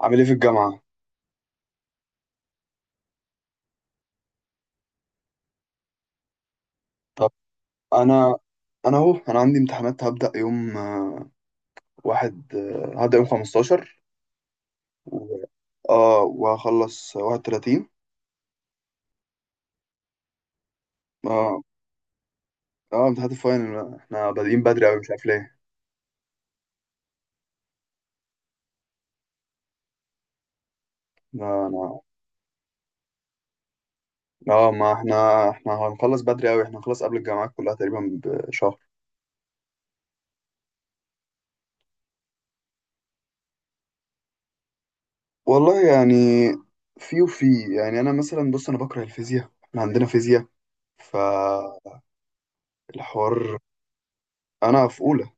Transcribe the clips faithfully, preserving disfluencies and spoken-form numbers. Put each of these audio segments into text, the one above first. عامل ايه في الجامعة؟ طب، انا انا اهو انا عندي امتحانات. هبدأ يوم آه، واحد آه، هبدأ يوم خمسة عشر و... اه وهخلص واحد وتلاتين. اه اه امتحانات الفاينل احنا بادئين بدري اوي، مش عارف ليه. لا، انا اه ما احنا احنا هنخلص بدري اوي. احنا هنخلص قبل الجامعات كلها تقريبا بشهر. والله يعني، في وفي، يعني انا مثلا، بص، انا بكره الفيزياء، احنا عندنا فيزياء فالحوار. انا في اولى.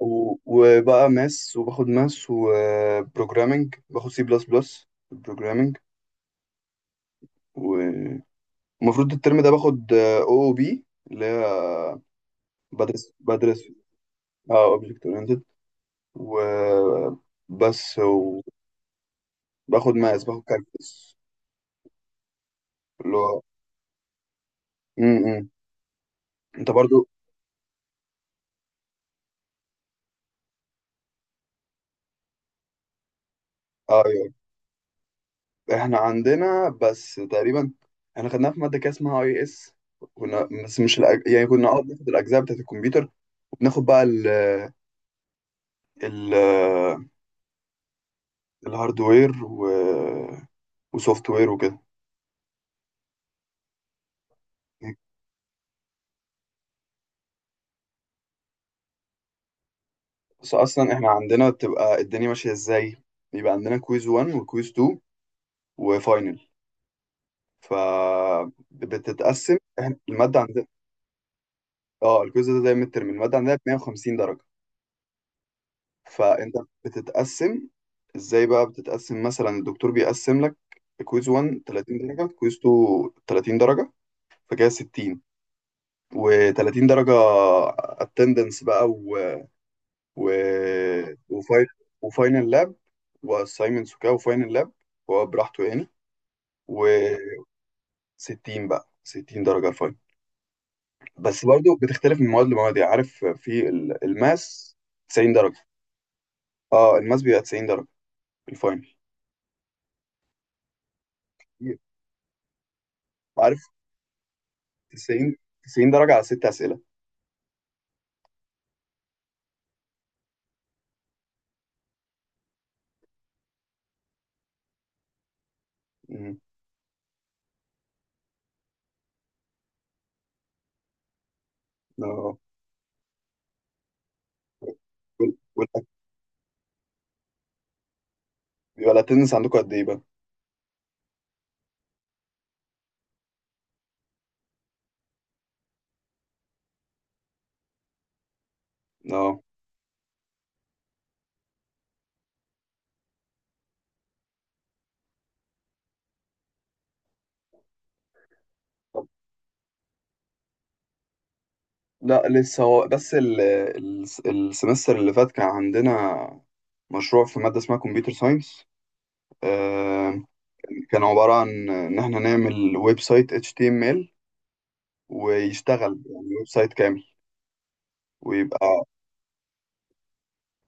و- وبقى ماس، وباخد ماس وبروجرامنج، باخد سي بلس بلس بروجرامنج. ومفروض الترم ده باخد او او بي، اللي هي بدرس بدرس اه اوبجكت اورينتد. وبس. وباخد ماس، باخد كالكولس اللي هو م- م. انت برضو؟ ايوه، احنا عندنا بس تقريبا احنا خدناها في ماده كده اسمها اي اس. كنا، بس مش الأج... يعني كنا اه بناخد الاجزاء بتاعت الكمبيوتر، وبناخد بقى ال ال الهاردوير و... وسوفت وير وكده. بس اصلا احنا عندنا بتبقى الدنيا ماشيه ازاي: بيبقى عندنا كويز واحد وكويز اتنين وفاينل. ف بتتقسم، إحنا- الماده عندنا، اه الكويز ده زي الترم. الماده عندنا ب مية وخمسين درجه. فانت بتتقسم ازاي بقى؟ بتتقسم مثلا، الدكتور بيقسم لك كويز واحد، تلاتين درجه، كويز اتنين، تلاتين درجه، فكده ستين. و30 درجه اتندنس بقى، و... وفاي... وفاينل لاب، واسايمنتس وكده وفاينل لاب، هو براحته يعني. و60، بقى ستين درجة الفاينل. بس برضو بتختلف من مواد لمواد، يعني عارف في ال- الماس تسعين درجة. اه الماس بيبقى تسعين درجة الفاينل، عارف، تسعين تسعين درجة على ست أسئلة. مم. اه وال- وال- بيبقى الاتندنس عندكم قد ايه بقى؟ اه لا، لسه. هو بس ال ال السمستر اللي فات كان عندنا مشروع في مادة اسمها كمبيوتر ساينس، كان عبارة عن إن إحنا نعمل ويب سايت إتش تي إم إل ويشتغل، يعني ويب سايت كامل ويبقى.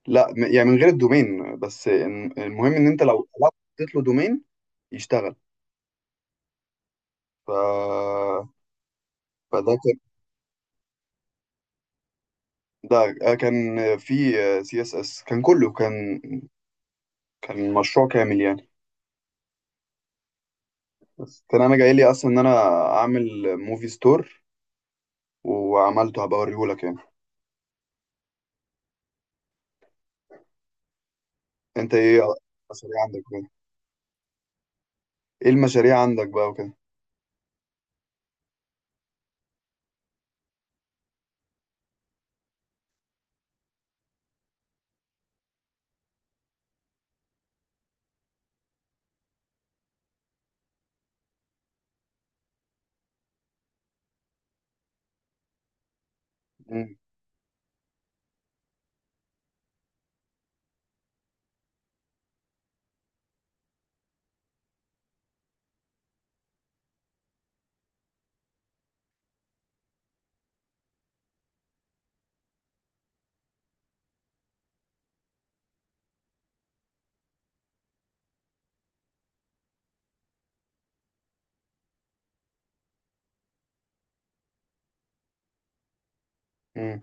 لا، م- يعني من غير الدومين، بس الم- المهم إن أنت لو لو حطيت له دومين يشتغل. ف... فده كان ده كان في سي اس اس، كان كله، كان كان مشروع كامل يعني. بس كان انا جاي لي اصلا ان انا اعمل موفي ستور وعملته، هبقى اوريهولك يعني. انت ايه المشاريع عندك كده؟ ايه المشاريع عندك بقى وكده؟ مم. مم.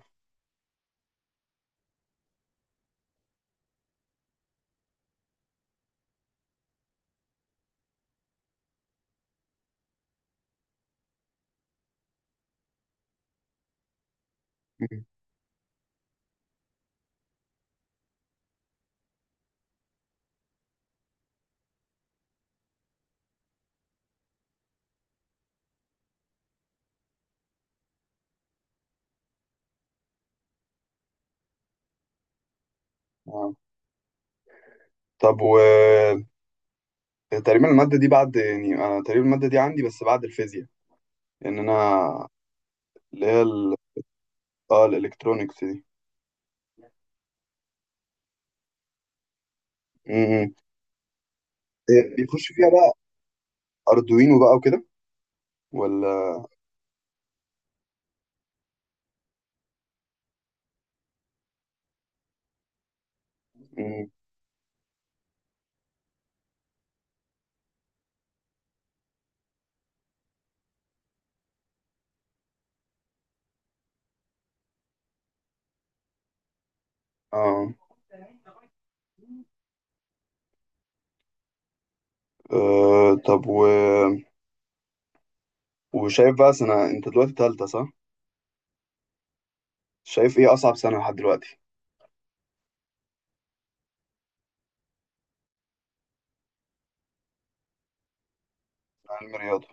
مم. آه. طب، و تقريبا المادة دي بعد، يعني انا تقريبا المادة دي عندي بس بعد الفيزياء، لان انا اللي هي ال... اه الالكترونيكس دي. مم. إيه، بيخش فيها بقى اردوينو بقى وكده، ولا؟ مم. اه آه، طب، و... وشايف بقى سنة، انت دلوقتي تالتة، صح؟ شايف ايه اصعب سنة لحد دلوقتي؟ علم رياضة.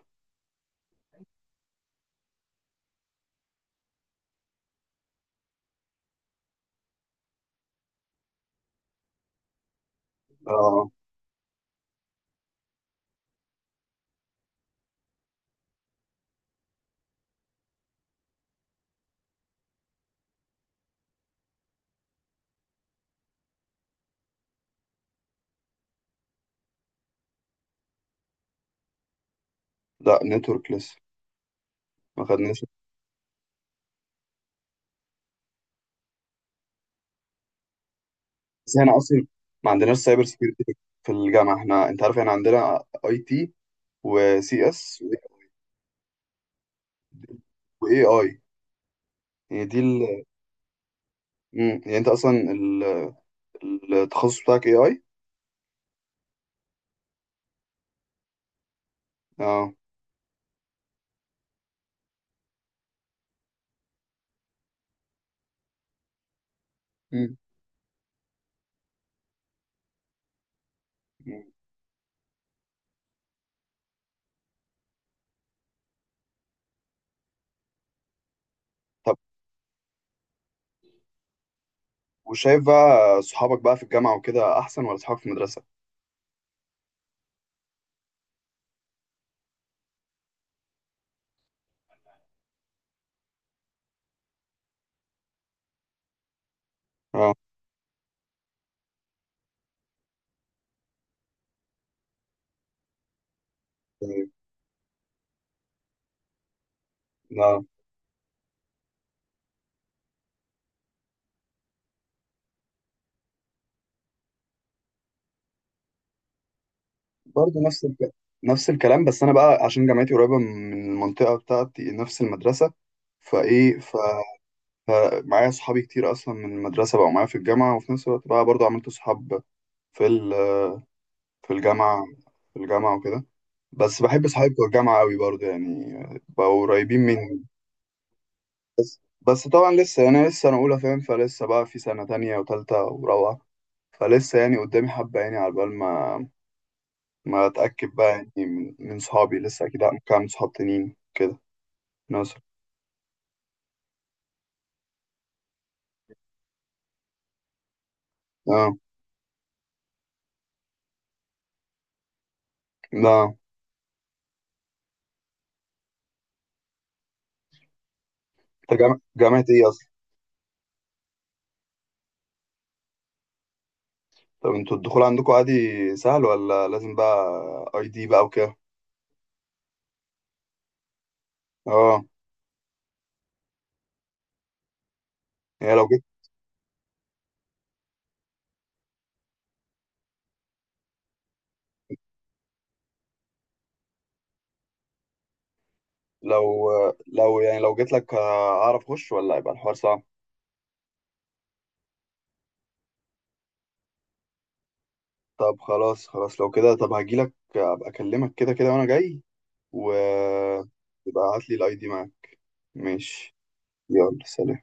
اه لا، نتورك لسه ما خدناش. بس هنا اصلا ما عندناش سايبر سكيورتي في الجامعة. احنا، انت عارف، احنا عندنا اي تي وسي اس واي اي، يعني دي ال... مم. يعني انت اصلا ال... التخصص بتاعك اي اي. اه مم. مم. طب، وشايف بقى صحابك بقى في الجامعة وكده احسن ولا صحابك في المدرسة؟ اه طيب. لا، برضه نفس الك... نفس الكلام. بس انا بقى، عشان جامعتي قريبة من المنطقة بتاعتي نفس المدرسة، فايه، ف فمعايا صحابي كتير اصلا من المدرسه بقوا معايا في الجامعه، وفي نفس الوقت بقى برضو عملت صحاب في ال- في الجامعه في الجامعه وكده. بس بحب صحابي بتوع الجامعه قوي برضو، يعني بقوا قريبين مني. بس بس طبعا لسه يعني، انا لسه انا اولى فاهم، فلسه بقى في سنه تانية وتالتة ورابعه، فلسه يعني قدامي حبه، يعني على بال ما ما اتاكد بقى يعني من من صحابي، لسه اكيد ممكن اعمل صحاب تانيين كده. ناصر. اه لا. انت جامعه جامعه ايه؟ طب، انتوا الدخول عندكم عادي، سهل، ولا لازم بقى اي دي بقى وكده؟ اه يعني لو جيت لو لو يعني لو جيت لك اعرف اخش، ولا هيبقى الحوار صعب؟ طب خلاص. خلاص، لو كده طب هاجي لك، ابقى اكلمك كده كده وانا جاي. و يبقى هات لي الاي دي معاك. ماشي. يلا، سلام.